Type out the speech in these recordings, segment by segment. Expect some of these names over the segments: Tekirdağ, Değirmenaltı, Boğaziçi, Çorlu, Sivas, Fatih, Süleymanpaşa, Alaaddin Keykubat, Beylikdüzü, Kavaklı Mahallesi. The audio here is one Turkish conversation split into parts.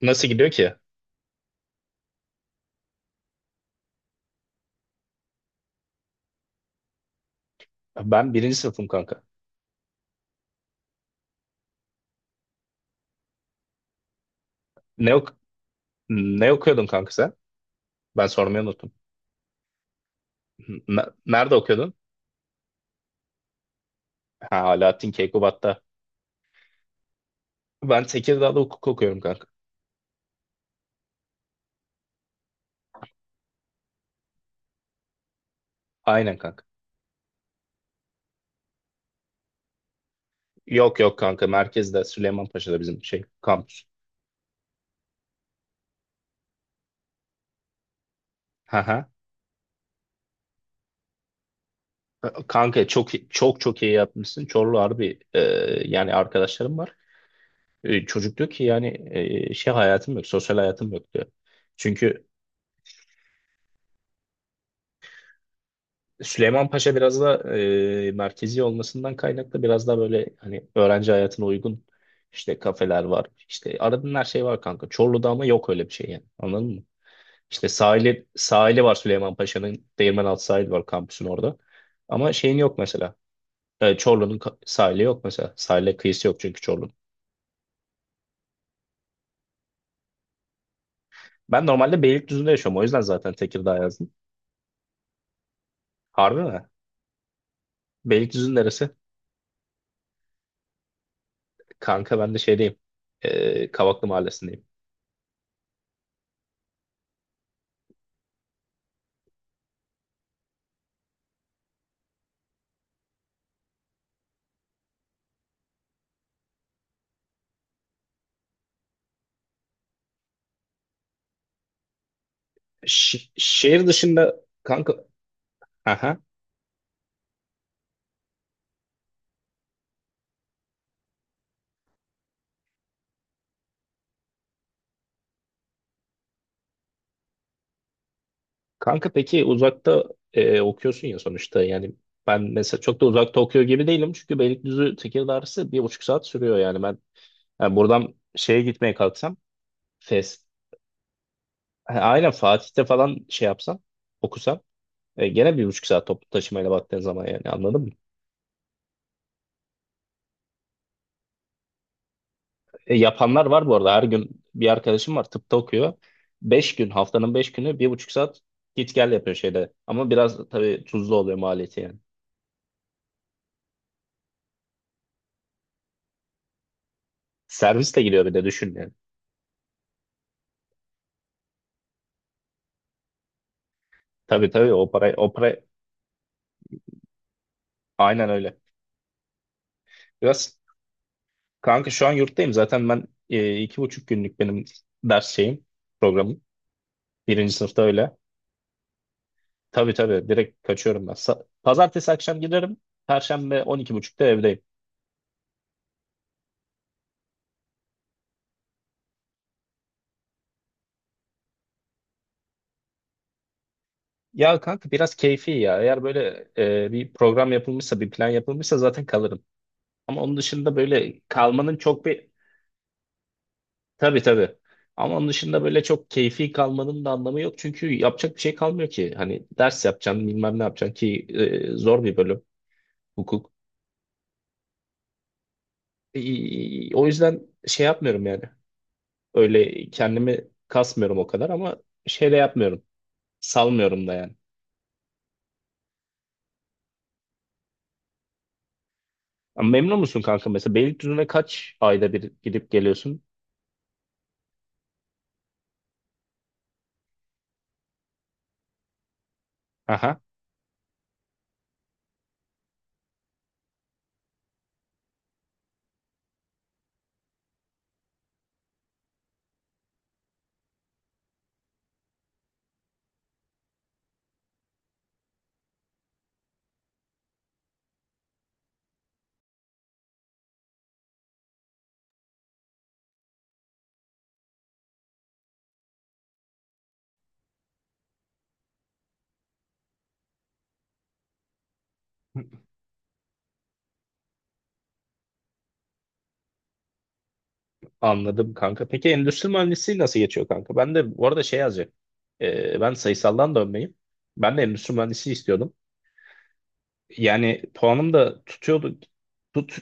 Nasıl gidiyor ki? Ben birinci sınıfım kanka. Ne, ok ne okuyordun kanka sen? Ben sormayı unuttum. Nerede okuyordun? Ha, Alaaddin Keykubat'ta. Ben Tekirdağ'da hukuk okuyorum kanka. Aynen kanka. Yok, yok kanka, merkezde Süleymanpaşa'da bizim şey kampüs. Haha. Kanka çok çok çok iyi yapmışsın. Çorlu harbi, yani arkadaşlarım var. Çocuk diyor ki yani şey hayatım yok, sosyal hayatım yok diyor. Çünkü Süleymanpaşa biraz da merkezi olmasından kaynaklı biraz daha böyle hani öğrenci hayatına uygun, işte kafeler var. İşte aradığın her şey var kanka. Çorlu'da ama yok öyle bir şey yani. Anladın mı? İşte sahili, sahili var Süleymanpaşa'nın, Paşa'nın. Değirmenaltı sahili var kampüsün orada. Ama şeyin yok mesela. Çorlu'nun sahili yok mesela. Sahile kıyısı yok çünkü Çorlu'nun. Ben normalde Beylikdüzü'nde yaşıyorum. O yüzden zaten Tekirdağ yazdım. Harbi mi? Beylikdüzü'nün neresi? Kanka ben de şeydeyim. Kavaklı Mahallesi'ndeyim. Şehir dışında kanka, aha, kanka peki uzakta okuyorsun ya sonuçta, yani ben mesela çok da uzakta okuyor gibi değilim çünkü Beylikdüzü Tekirdağ arası 1,5 saat sürüyor, yani ben, yani buradan şeye gitmeye kalksam, Fes ha, aynen Fatih'te falan şey yapsam, okusam, gene 1,5 saat toplu taşımayla baktığın zaman, yani anladın mı? Yapanlar var bu arada. Her gün bir arkadaşım var, tıpta okuyor. 5 gün, haftanın 5 günü 1,5 saat git gel yapıyor şeyde. Ama biraz tabii tuzlu oluyor maliyeti yani. Servis de giriyor, bir de düşün yani. Tabii, tabii, o para, o para, aynen öyle. Biraz kanka şu an yurttayım zaten ben, iki buçuk günlük benim ders şeyim, programım. Birinci sınıfta öyle. Tabii, tabii, direkt kaçıyorum ben. Pazartesi akşam giderim. Perşembe 12.30'da evdeyim. Ya kanka biraz keyfi ya. Eğer böyle bir program yapılmışsa, bir plan yapılmışsa zaten kalırım. Ama onun dışında böyle kalmanın çok bir... Tabii, tabii. Ama onun dışında böyle çok keyfi kalmanın da anlamı yok. Çünkü yapacak bir şey kalmıyor ki. Hani ders yapacaksın, bilmem ne yapacaksın ki. Zor bir bölüm hukuk. O yüzden şey yapmıyorum yani. Öyle kendimi kasmıyorum o kadar, ama şey de yapmıyorum. Salmıyorum da yani. Ama memnun musun kanka mesela? Beylikdüzü'ne kaç ayda bir gidip geliyorsun? Aha. Anladım kanka. Peki endüstri mühendisliği nasıl geçiyor kanka? Ben de bu arada şey yazacak. Ben sayısaldan dönmeyim. Ben de endüstri mühendisliği istiyordum. Yani puanım da tutuyordu. Tut.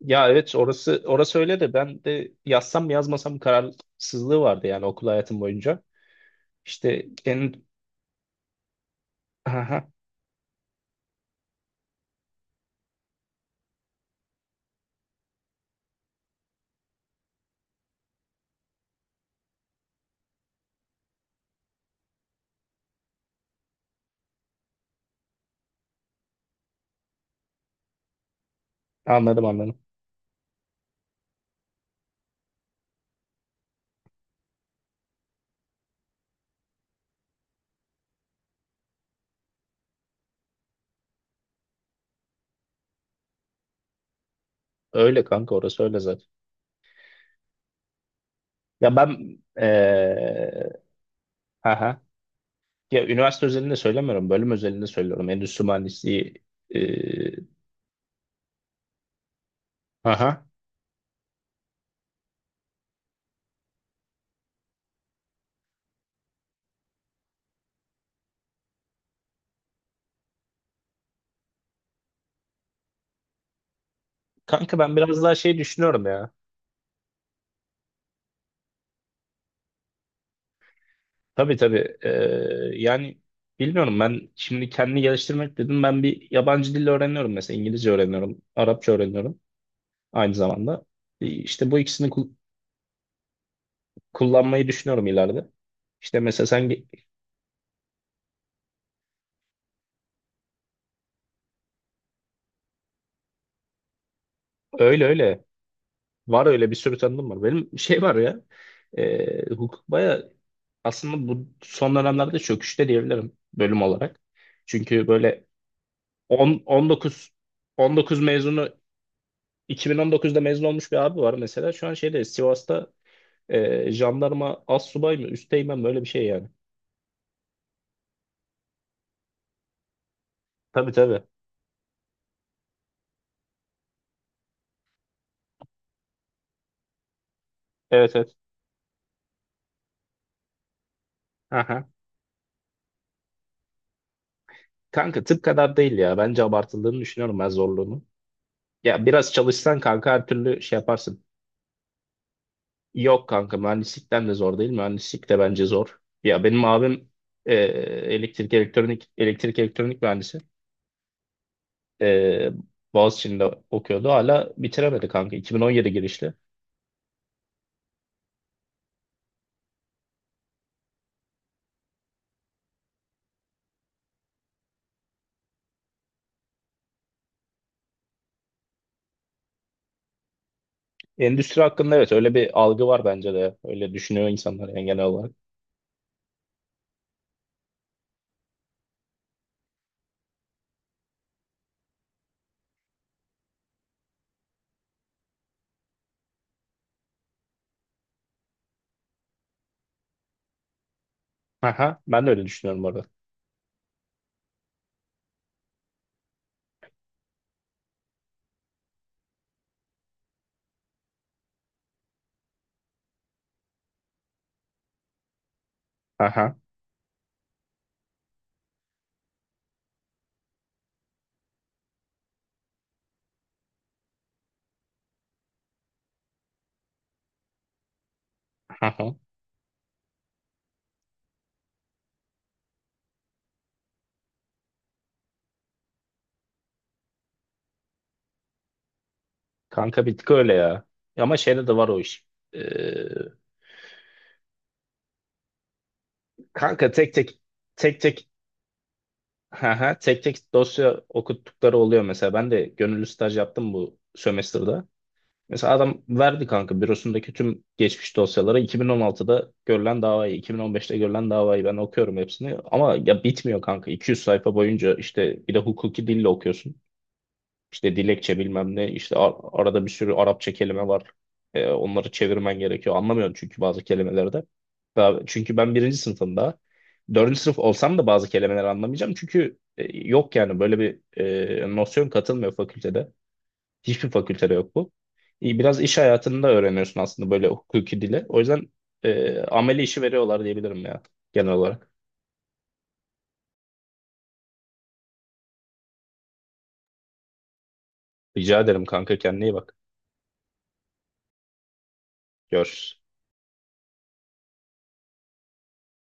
Ya evet, orası, orası öyle de, ben de yazsam mı yazmasam kararsızlığı vardı yani okul hayatım boyunca. İşte en. Aha, anladım, anladım. Öyle kanka, orası öyle zaten. Ya ben, aha. Ya üniversite özelinde söylemiyorum. Bölüm özelinde söylüyorum. Endüstri mühendisliği, ee, aha. Kanka ben biraz daha şey düşünüyorum ya. Tabii, tabii. Yani bilmiyorum, ben şimdi kendini geliştirmek dedim. Ben bir yabancı dil öğreniyorum mesela. İngilizce öğreniyorum. Arapça öğreniyorum aynı zamanda. İşte bu ikisini kullanmayı düşünüyorum ileride. İşte mesela sen öyle, öyle. Var öyle, bir sürü tanıdığım var. Benim şey var ya. Hukuk baya aslında bu son dönemlerde çöküşte diyebilirim bölüm olarak. Çünkü böyle 10, 19, 19 mezunu, 2019'da mezun olmuş bir abi var mesela. Şu an şeyde Sivas'ta, jandarma az subay mı, üsteğmen, böyle bir şey yani. Tabii, tabii. Evet, evet. Aha. Kanka tıp kadar değil ya. Bence abartıldığını düşünüyorum ben zorluğunu. Ya biraz çalışsan kanka her türlü şey yaparsın. Yok kanka, mühendislikten de zor değil. Mühendislik de bence zor. Ya benim abim elektrik elektronik mühendisi. E, Boğaziçi'nde okuyordu. Hala bitiremedi kanka. 2017 girişli. Endüstri hakkında evet öyle bir algı var bence de. Öyle düşünüyor insanlar yani genel olarak. Aha, ben de öyle düşünüyorum orada. Aha, aha. Kanka bir tık öyle ya. Ama şeyde de var o iş. Ee, Kanka, tek tek tek tek aha, tek tek dosya okuttukları oluyor mesela. Ben de gönüllü staj yaptım bu sömestrde. Mesela adam verdi kanka bürosundaki tüm geçmiş dosyalara, 2016'da görülen davayı, 2015'te görülen davayı ben okuyorum hepsini. Ama ya bitmiyor kanka. 200 sayfa boyunca işte bir de hukuki dille okuyorsun. İşte dilekçe bilmem ne, işte arada bir sürü Arapça kelime var. Onları çevirmen gerekiyor. Anlamıyorum çünkü bazı kelimelerde. Daha, çünkü ben birinci sınıfım daha. Dördüncü sınıf olsam da bazı kelimeleri anlamayacağım. Çünkü yok yani böyle bir nosyon katılmıyor fakültede. Hiçbir fakültede yok bu. İyi, biraz iş hayatında öğreniyorsun aslında böyle hukuki dili. O yüzden ameli işi veriyorlar diyebilirim ya genel olarak. Rica ederim kanka, kendine iyi bak. Görüşürüz.